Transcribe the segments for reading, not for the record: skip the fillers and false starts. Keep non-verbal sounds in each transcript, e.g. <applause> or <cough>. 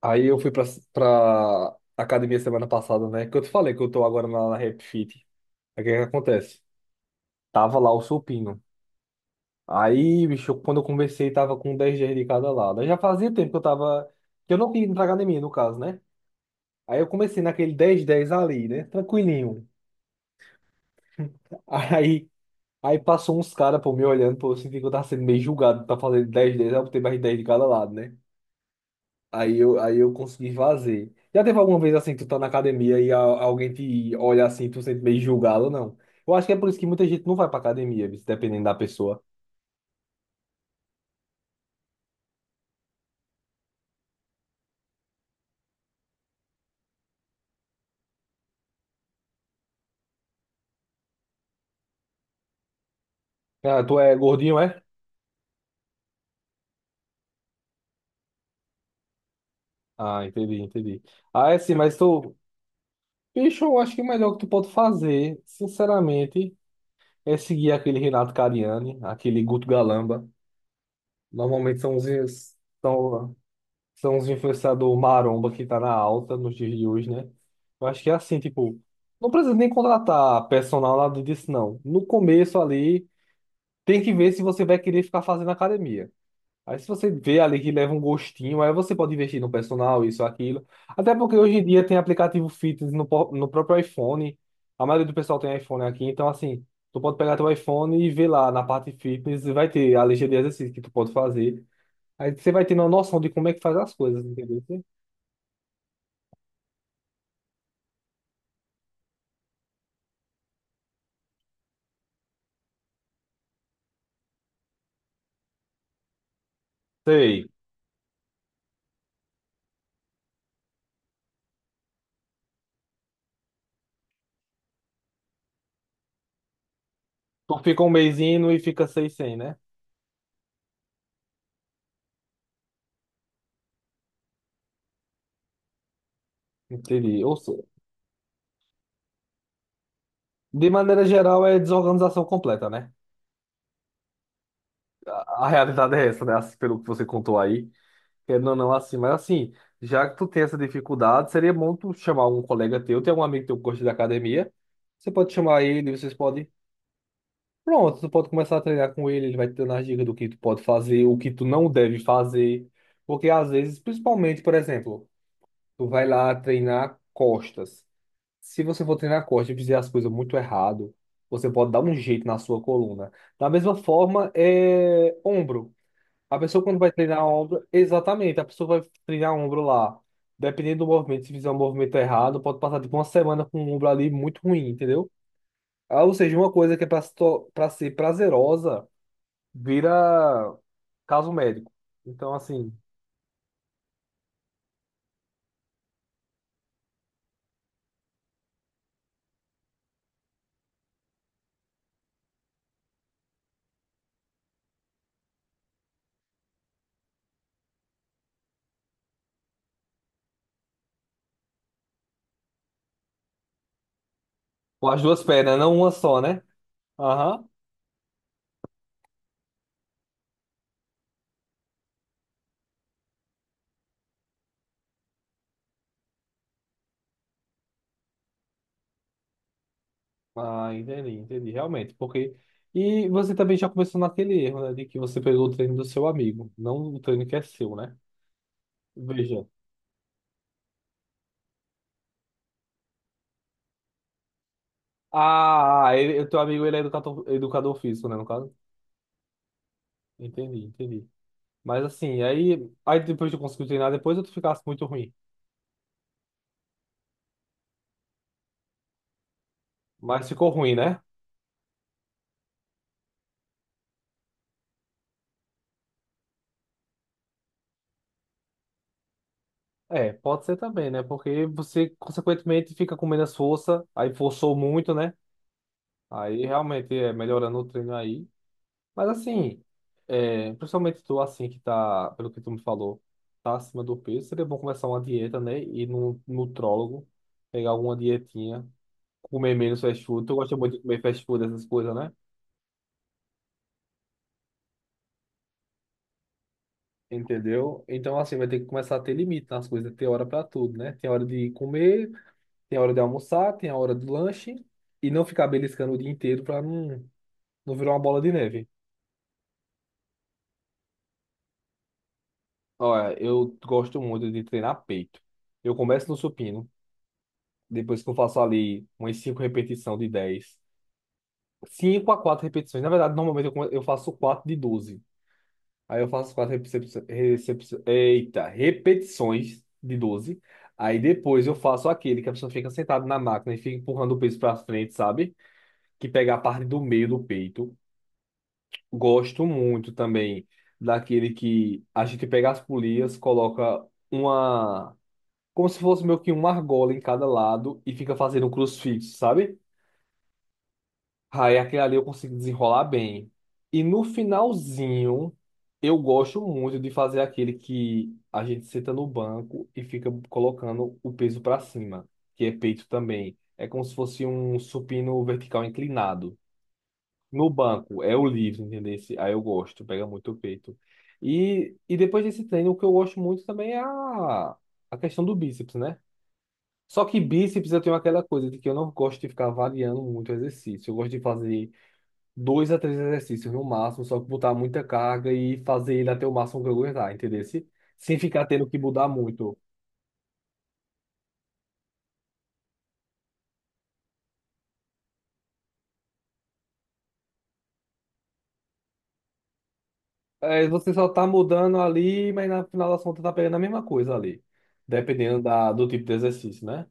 Aí eu fui pra academia semana passada, né? Que eu te falei que eu tô agora na Rap Fit. Aí o que que acontece? Tava lá o supino. Aí, bicho, quando eu conversei, tava com 10 dias de cada lado. Aí já fazia tempo que eu tava. Que eu não queria ir pra academia, no caso, né? Aí eu comecei naquele dez dez ali, né? Tranquilinho. <laughs> Aí, aí passou uns caras, pô, me olhando, pô, eu senti que eu tava sendo meio julgado pra fazer dez dez, aí eu botei mais 10 de cada lado, né? Aí eu consegui fazer. Já teve alguma vez assim, tu tá na academia e alguém te olha assim, tu sente meio julgado ou não? Eu acho que é por isso que muita gente não vai pra academia, bicho, dependendo da pessoa. Ah, tu é gordinho, é? Ah, entendi, entendi. Ah, é sim, mas tu. Bicho, eu acho que o melhor que tu pode fazer, sinceramente, é seguir aquele Renato Cariani, aquele Guto Galamba. Normalmente são os influenciadores maromba que tá na alta nos dias de hoje, né? Eu acho que é assim, tipo, não precisa nem contratar personal, nada disso, não. No começo ali, tem que ver se você vai querer ficar fazendo academia. Aí se você vê ali que leva um gostinho, aí você pode investir no personal, isso, aquilo. Até porque hoje em dia tem aplicativo fitness no próprio iPhone. A maioria do pessoal tem iPhone aqui, então assim, tu pode pegar teu iPhone e ver lá na parte fitness, vai ter a lista de exercícios que tu pode fazer. Aí você vai tendo uma noção de como é que faz as coisas, entendeu? Sei. Tu fica um mêsinho e fica seis sem, né? Entendi. Ou seja, de maneira geral, é desorganização completa, né? A realidade é essa, né? Assim, pelo que você contou aí. Querendo ou não, assim. Mas assim, já que tu tem essa dificuldade, seria bom tu chamar algum colega teu. Tem algum amigo teu que gosta de academia. Você pode chamar ele, vocês podem. Pronto, tu pode começar a treinar com ele. Ele vai te dando as dicas do que tu pode fazer, o que tu não deve fazer. Porque às vezes, principalmente, por exemplo, tu vai lá treinar costas. Se você for treinar corte e fizer as coisas muito errado, você pode dar um jeito na sua coluna. Da mesma forma, é ombro. A pessoa quando vai treinar ombro, exatamente, a pessoa vai treinar ombro lá. Dependendo do movimento, se fizer um movimento errado, pode passar tipo uma semana com o ombro ali muito ruim, entendeu? Ah, ou seja, uma coisa que é para ser prazerosa, vira caso médico. Então, assim, com as duas pernas, né? Não uma só, né? Aham. Ah, entendi, entendi, realmente, porque. E você também já começou naquele erro, né, de que você pegou o treino do seu amigo, não o treino que é seu, né? Veja. Ah, ele, o teu amigo, ele é educador, educador físico, né, no caso? Entendi, entendi. Mas assim, aí, aí depois de conseguir treinar, depois eu ficasse muito ruim. Mas ficou ruim, né? É, pode ser também, né? Porque você, consequentemente, fica com menos força, aí forçou muito, né? Aí realmente é melhorando o treino aí. Mas assim, é, principalmente tu assim que tá, pelo que tu me falou, tá acima do peso, seria bom começar uma dieta, né? Ir num nutrólogo, pegar alguma dietinha, comer menos fast food. Tu gosta muito de comer fast food, essas coisas, né? Entendeu? Então assim, vai ter que começar a ter limite nas coisas, ter hora pra tudo, né? Tem hora de comer, tem hora de almoçar, tem a hora do lanche, e não ficar beliscando o dia inteiro pra não, não virar uma bola de neve. Olha, eu gosto muito de treinar peito. Eu começo no supino. Depois que eu faço ali umas 5 repetições de dez, 5 a 4 repetições. Na verdade, normalmente eu, eu faço 4 de 12. Aí eu faço 4 recepções. Eita, repetições de 12. Aí depois eu faço aquele que a pessoa fica sentada na máquina e fica empurrando o peso para frente, sabe? Que pega a parte do meio do peito. Gosto muito também daquele que a gente pega as polias, coloca uma. Como se fosse meio que uma argola em cada lado e fica fazendo um crucifixo, sabe? Aí aquele ali eu consigo desenrolar bem. E no finalzinho, eu gosto muito de fazer aquele que a gente senta no banco e fica colocando o peso para cima, que é peito também. É como se fosse um supino vertical inclinado. No banco, é o livre, entendeu? Aí eu gosto, pega muito o peito. E depois desse treino, o que eu gosto muito também é a questão do bíceps, né? Só que bíceps eu tenho aquela coisa de que eu não gosto de ficar variando muito o exercício. Eu gosto de fazer dois a três exercícios no máximo, só que botar muita carga e fazer ele até o máximo que eu aguentar, entendeu? Sem ficar tendo que mudar muito. É, você só tá mudando ali, mas na final das contas tá pegando a mesma coisa ali, dependendo do tipo de exercício, né?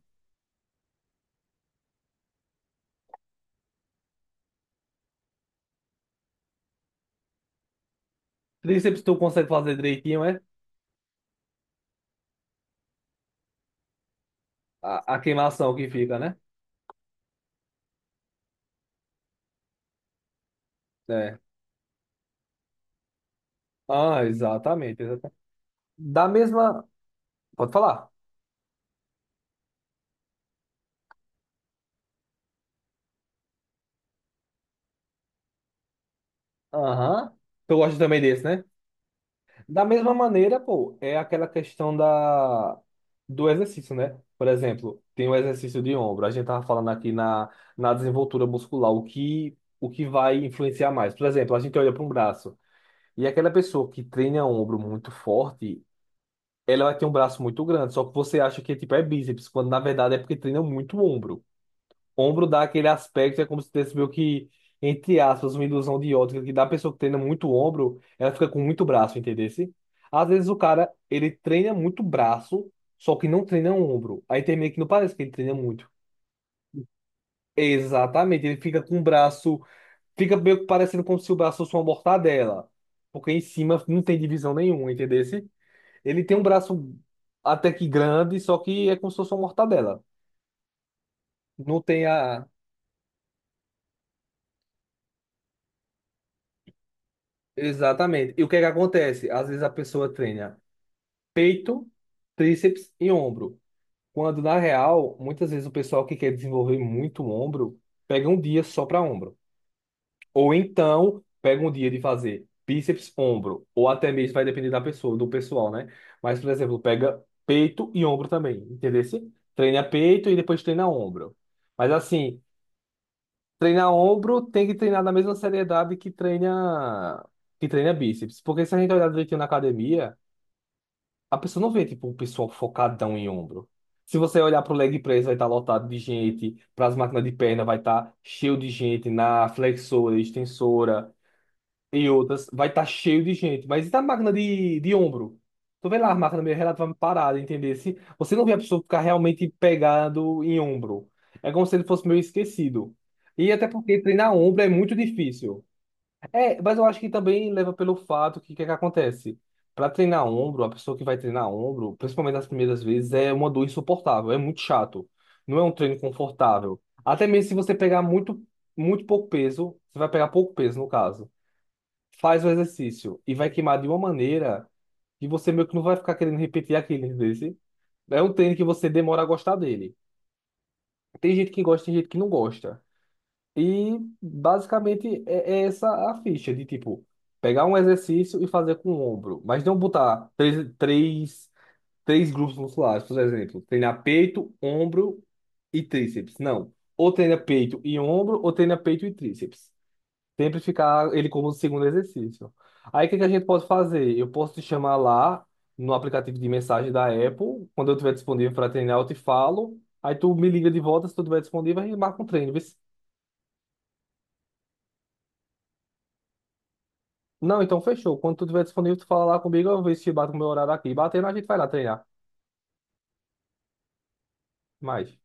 Tríceps tu consegue fazer direitinho, é? A queimação que fica, né? É. Ah, exatamente, exatamente. Da mesma. Pode falar. Aham. Tu gosta também desse, né? Da mesma maneira, pô, é aquela questão da do exercício, né? Por exemplo, tem o exercício de ombro. A gente tava falando aqui na desenvoltura muscular, o que vai influenciar mais. Por exemplo, a gente olha para um braço e aquela pessoa que treina ombro muito forte, ela vai ter um braço muito grande, só que você acha que tipo é bíceps, quando na verdade é porque treina muito ombro. Ombro dá aquele aspecto, é como se tivesse meio que, entre aspas, uma ilusão de ótica, que da pessoa que treina muito ombro, ela fica com muito braço, entendesse? Às vezes o cara, ele treina muito braço, só que não treina ombro. Aí termina que não parece que ele treina muito. Exatamente, ele fica com o braço, fica meio que parecendo como se o braço fosse uma mortadela, porque em cima não tem divisão nenhuma, entendesse? Ele tem um braço até que grande, só que é como se fosse uma mortadela. Não tem a. Exatamente. E o que é que acontece? Às vezes a pessoa treina peito, tríceps e ombro. Quando, na real, muitas vezes o pessoal que quer desenvolver muito o ombro, pega um dia só para ombro. Ou então, pega um dia de fazer bíceps, ombro. Ou até mesmo, vai depender da pessoa, do pessoal, né? Mas, por exemplo, pega peito e ombro também, entendeu? Treina peito e depois treina ombro. Mas, assim, treinar ombro tem que treinar na mesma seriedade que treina bíceps. Porque se a gente olhar direitinho na academia, a pessoa não vê, tipo, o pessoal focadão em ombro. Se você olhar pro leg press, vai estar lotado de gente. Para as máquinas de perna, vai estar cheio de gente na flexora, extensora e outras, vai estar cheio de gente. Mas e da máquina de ombro? Tu vê lá a máquina meio relativamente parada, entender? Se você não vê a pessoa ficar realmente pegado em ombro. É como se ele fosse meio esquecido. E até porque treinar ombro é muito difícil. É, mas eu acho que também leva pelo fato que o que, é que acontece? Para treinar ombro, a pessoa que vai treinar ombro, principalmente nas primeiras vezes, é uma dor insuportável, é muito chato. Não é um treino confortável. Até mesmo se você pegar muito, muito pouco peso, você vai pegar pouco peso no caso, faz o exercício e vai queimar de uma maneira que você meio que não vai ficar querendo repetir aquele desse. É um treino que você demora a gostar dele. Tem gente que gosta, tem gente que não gosta. E basicamente é essa a ficha de tipo pegar um exercício e fazer com o ombro, mas não botar três grupos musculares, por exemplo, treinar peito, ombro e tríceps. Não. Ou treina peito e ombro, ou treina peito e tríceps. Sempre ficar ele como segundo exercício. Aí o que que a gente pode fazer? Eu posso te chamar lá no aplicativo de mensagem da Apple. Quando eu estiver disponível para treinar, eu te falo. Aí tu me liga de volta se tu estiver disponível, a gente marca um treino. Vê se- Não, então fechou. Quando tu estiver disponível, tu fala lá comigo, eu vejo se bate com o meu horário aqui. Batendo, a gente vai lá treinar. Mais.